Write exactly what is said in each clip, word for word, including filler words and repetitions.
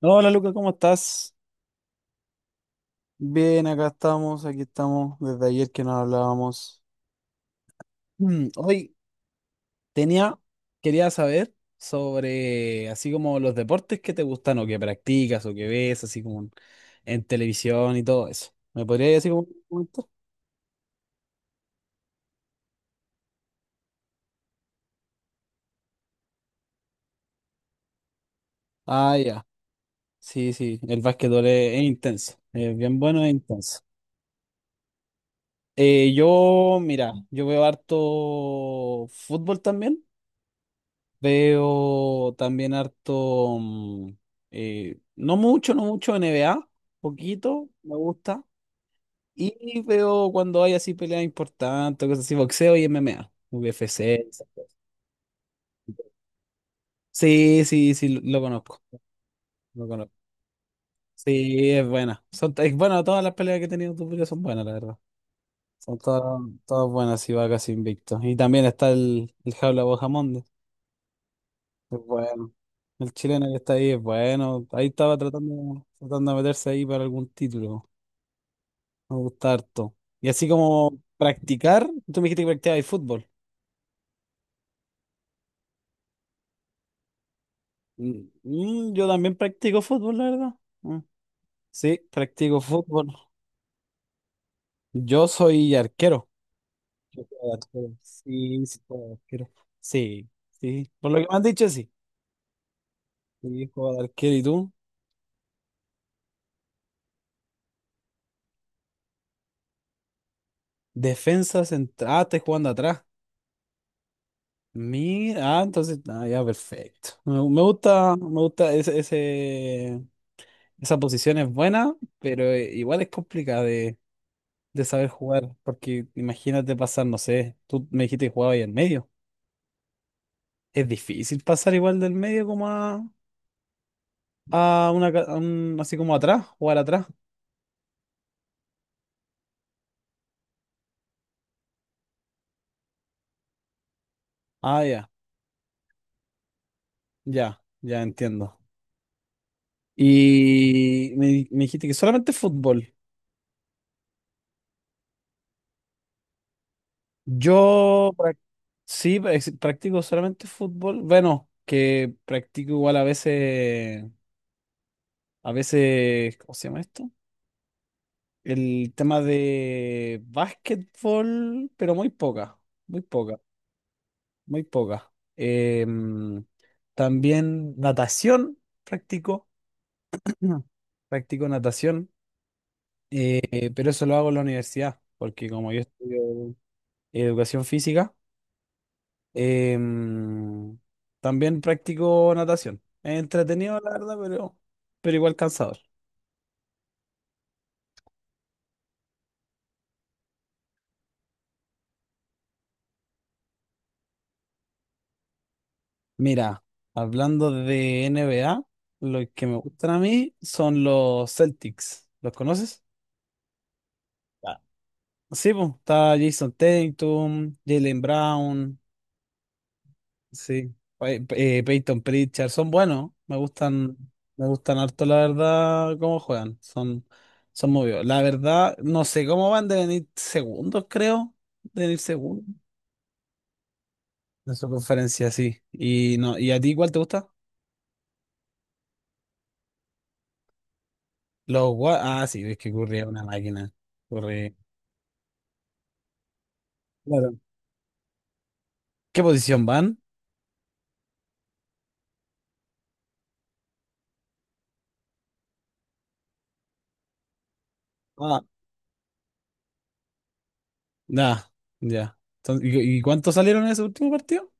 No, hola Luca, ¿cómo estás? Bien, acá estamos, aquí estamos desde ayer que nos hablábamos. Mm, hoy tenía, quería saber sobre así como los deportes que te gustan o que practicas o que ves, así como en en televisión y todo eso. ¿Me podrías decir como comentar? Ah, ya. Sí, sí, el básquetbol es, es intenso, es bien bueno, es intenso. Eh, yo, mira, yo veo harto fútbol también. Veo también harto, mm, eh, no mucho, no mucho N B A poquito, me gusta. Y veo cuando hay así peleas importantes, cosas así, boxeo y M M A M M A, U F C. Esas cosas. Sí, sí, sí, lo, lo conozco, lo conozco. Sí, es buena. Son, es bueno, todas las peleas que he tenido tú son buenas, la verdad. Son todas, todas buenas y va casi invicto. Y también está el, el Jaula Bojamonde. Es bueno. El chileno que está ahí es bueno. Ahí estaba tratando, tratando de meterse ahí para algún título. Me gusta harto. Y así como practicar, tú me dijiste que practicabas fútbol. Mm, mm, yo también practico fútbol, la verdad. Mm, Sí, practico fútbol. Yo soy arquero. Yo soy arquero. Sí, sí, juego de arquero. Sí, sí. Por lo que me han dicho, sí. Sí, juego de arquero. ¿Y tú? Defensa central. Ah, estás jugando atrás. Mira, ah, entonces, ah, ya, perfecto. Me, me gusta, me gusta ese, ese- esa posición es buena, pero eh, igual es complicada de, de saber jugar, porque imagínate pasar, no sé, tú me dijiste que jugabas ahí en medio. Es difícil pasar igual del medio como a, a una, ca- a un- así como atrás, jugar atrás. Ah, ya, ya, ya entiendo. Y me, me dijiste que solamente fútbol. Yo prac- sí, ex- practico solamente fútbol. Bueno, que practico igual a veces, a veces, ¿cómo se llama esto? El tema de básquetbol, pero muy poca, muy poca, muy poca. Em, También natación practico. Practico natación. Eh, pero eso lo hago en la universidad, porque como yo estudio educación física. Em, También practico natación. Es entretenido, la verdad, pero pero igual cansador. Mira, hablando de N B A, lo que me gustan a mí son los Celtics. ¿Los conoces? Ah. Sí, pues, está Jason Tatum, Jalen Brown. Sí, Pey- eh, Peyton Pritchard, son buenos, me gustan, me gustan harto la verdad cómo juegan, son, son movidos. La verdad, no sé cómo van, de venir segundos, creo, de venir segundos de su conferencia, sí. Y no, ¿y a ti cuál te gusta? Los Wa- ah, sí, es que Curry es una máquina. Curry. Claro. ¿Qué posición van? Ah, nah, ya. Entonces, ¿y, y cuántos salieron en ese último partido?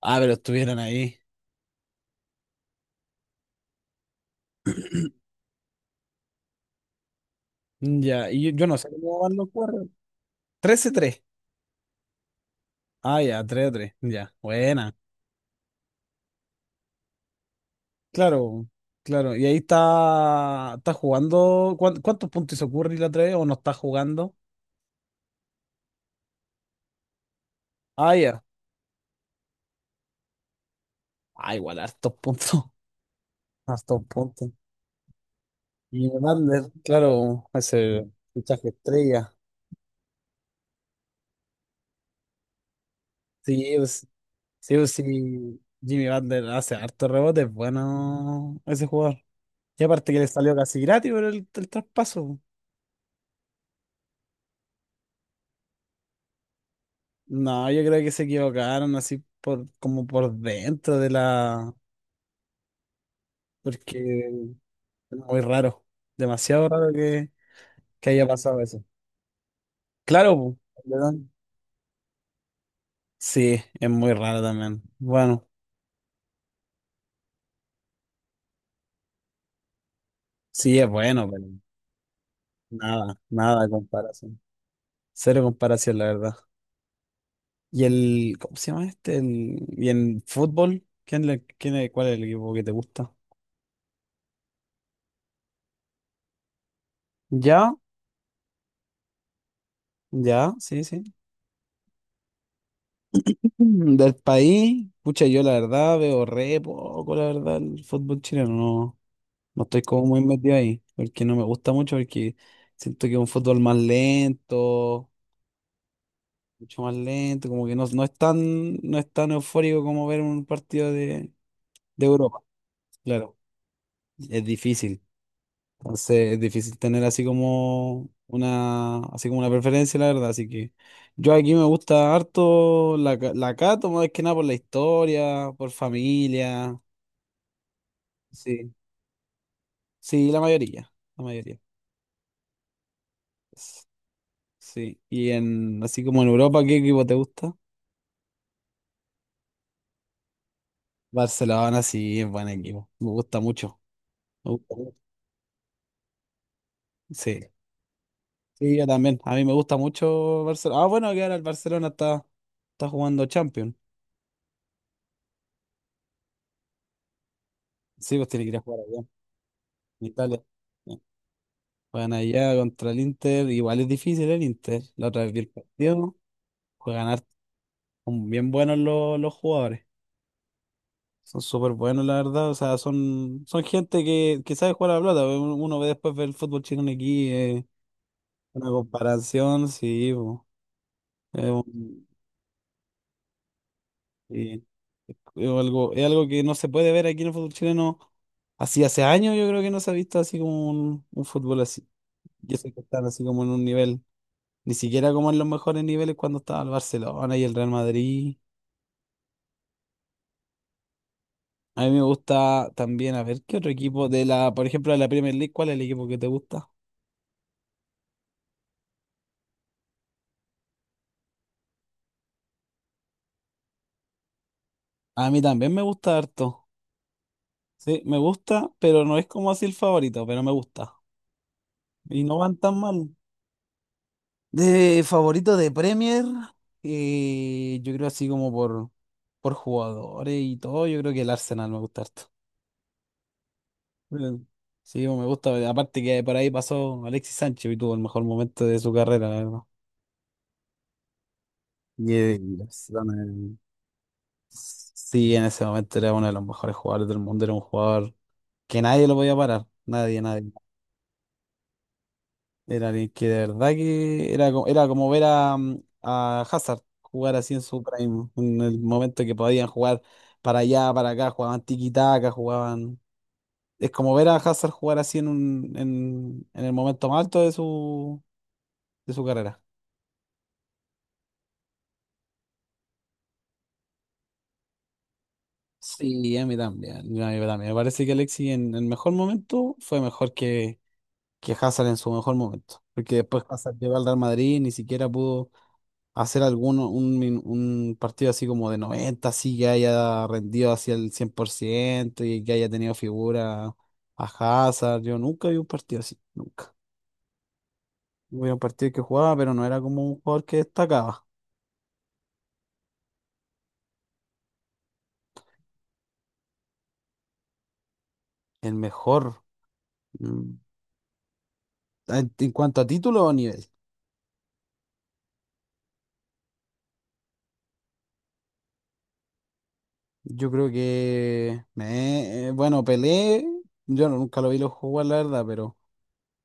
Ah, pero estuvieron ahí. Ya, y yo, yo no sé cómo van los Warriors. Trece tres. Ah, ya, tres a 3, ya, buena. Claro, claro. Y ahí está, está jugando. ¿cuán- ¿Cuántos puntos hizo Curry la tres o no está jugando? Ah, ya. Ah, igual, hartos puntos. Hartos puntos. Y Vander, claro, ese fichaje estrella. Sí, pues, sí, pues, sí. Jimmy Vander hace hartos rebotes, bueno, ese jugador. Y aparte que le salió casi gratis por el, el traspaso. No, yo creo que se equivocaron así por como por dentro de la. Porque Muy raro. Demasiado raro que, que haya pasado eso. Claro, po. León. Sí, es muy raro también. Bueno, sí es bueno, pero nada, nada de comparación. Cero comparación, la verdad. Y el, ¿cómo se llama este? El, y en fútbol, ¿quién le, quién es, cuál es el equipo que te gusta? Ya, ya, sí, sí. Mm, Del país, pucha, yo la verdad veo re poco, la verdad, el fútbol chileno, no. No estoy como muy metido ahí, porque no me gusta mucho, porque siento que es un fútbol más lento, mucho más lento, como que no, no es tan, no es tan eufórico como ver un partido de, de Europa. Claro, es difícil. Entonces es difícil tener así como una, así como una preferencia, la verdad. Así que yo aquí me gusta harto la, ca- la Cato, más que nada por la historia, por familia. Sí, sí, la mayoría, la mayoría. Sí. Y en, así como en Europa, ¿qué equipo te gusta? Barcelona, sí, es buen equipo. Me gusta mucho. Me gusta mucho. Sí. Sí, yo también. A mí me gusta mucho Barcelona. Ah, bueno, que ahora el Barcelona está, está jugando Champions. Sí, pues tiene que ir a jugar allá, en Italia. Sí. Juegan allá contra el Inter. Igual es difícil el Inter. La otra vez vi el partido. Juegan harto. Son bien buenos los, los jugadores. Son súper buenos, la verdad. O sea, son, son gente que, que sabe jugar a la pelota. Uno ve después ver el fútbol chileno aquí. eh, Una comparación, sí, bo. Es un- sí. Es algo, es algo que no se puede ver aquí en el fútbol chileno. Así hace años yo creo que no se ha visto así como un, un fútbol así. Y eso que están así como en un nivel, ni siquiera como en los mejores niveles cuando estaba el Barcelona y el Real Madrid. A mí me gusta también, a ver, ¿qué otro equipo de la, por ejemplo, de la Premier League, cuál es el equipo que te gusta? A mí también me gusta harto. Sí, me gusta, pero no es como así el favorito, pero me gusta. Y no van tan mal. De favorito de Premier, eh, yo creo así como por, por jugadores y todo, yo creo que el Arsenal me gusta harto. Mm. Sí, me gusta, aparte que por ahí pasó Alexis Sánchez y tuvo el mejor momento de su carrera, la verdad. Y el Arsenal, sí, en ese momento era uno de los mejores jugadores del mundo, era un jugador que nadie lo podía parar, nadie, nadie. Era alguien que de verdad que era, co- era como ver a, mm, a Hazard jugar así en su prime, en el momento que podían jugar para allá, para acá, jugaban tiki-taka, jugaban. Es como ver a Hazard jugar así en, un, en, en el momento más alto de su, de su carrera. Sí, a mí también, a mí también. Me parece que Alexis en el mejor momento fue mejor que, que Hazard en su mejor momento, porque después Hazard llegó al Real Madrid, ni siquiera pudo hacer alguno, un, min- un partido así como de noventa así que haya rendido hacia el cien por ciento y que haya tenido figura a Hazard. Yo nunca vi un partido así, nunca. Vi un partido que jugaba, pero no era como un jugador que destacaba. El mejor, mm, en, en cuanto a título o nivel, yo creo que, me, eh, bueno, Pelé, yo no- nunca lo vi lo jugar, la verdad, pero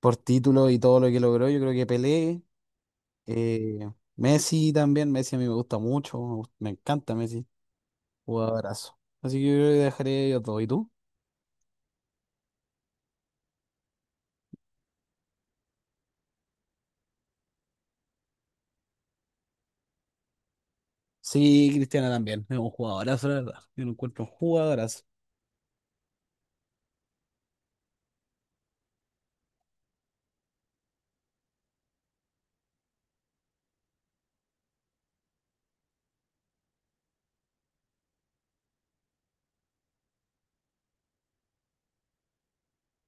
por título y todo lo que logró, yo creo que Pelé. Eh, Messi también, Messi a mí me gusta mucho, me gust- me encanta Messi, jugadorazo. Así que yo creo que dejaré ellos dos. ¿Y tú? Sí, Cristiano también, es un jugadorazo, la verdad. Yo lo encuentro un jugadorazo.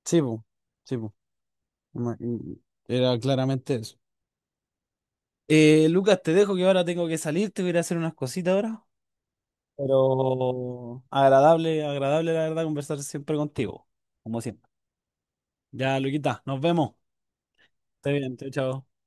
Sí, po, sí, po. Ma- y- Era claramente eso. Eh, Lucas, te dejo que ahora tengo que salir, te voy a ir a hacer unas cositas ahora. Pero agradable, agradable la verdad conversar siempre contigo, como siempre. Ya, Luquita, nos vemos. Esté bien, chao, chao.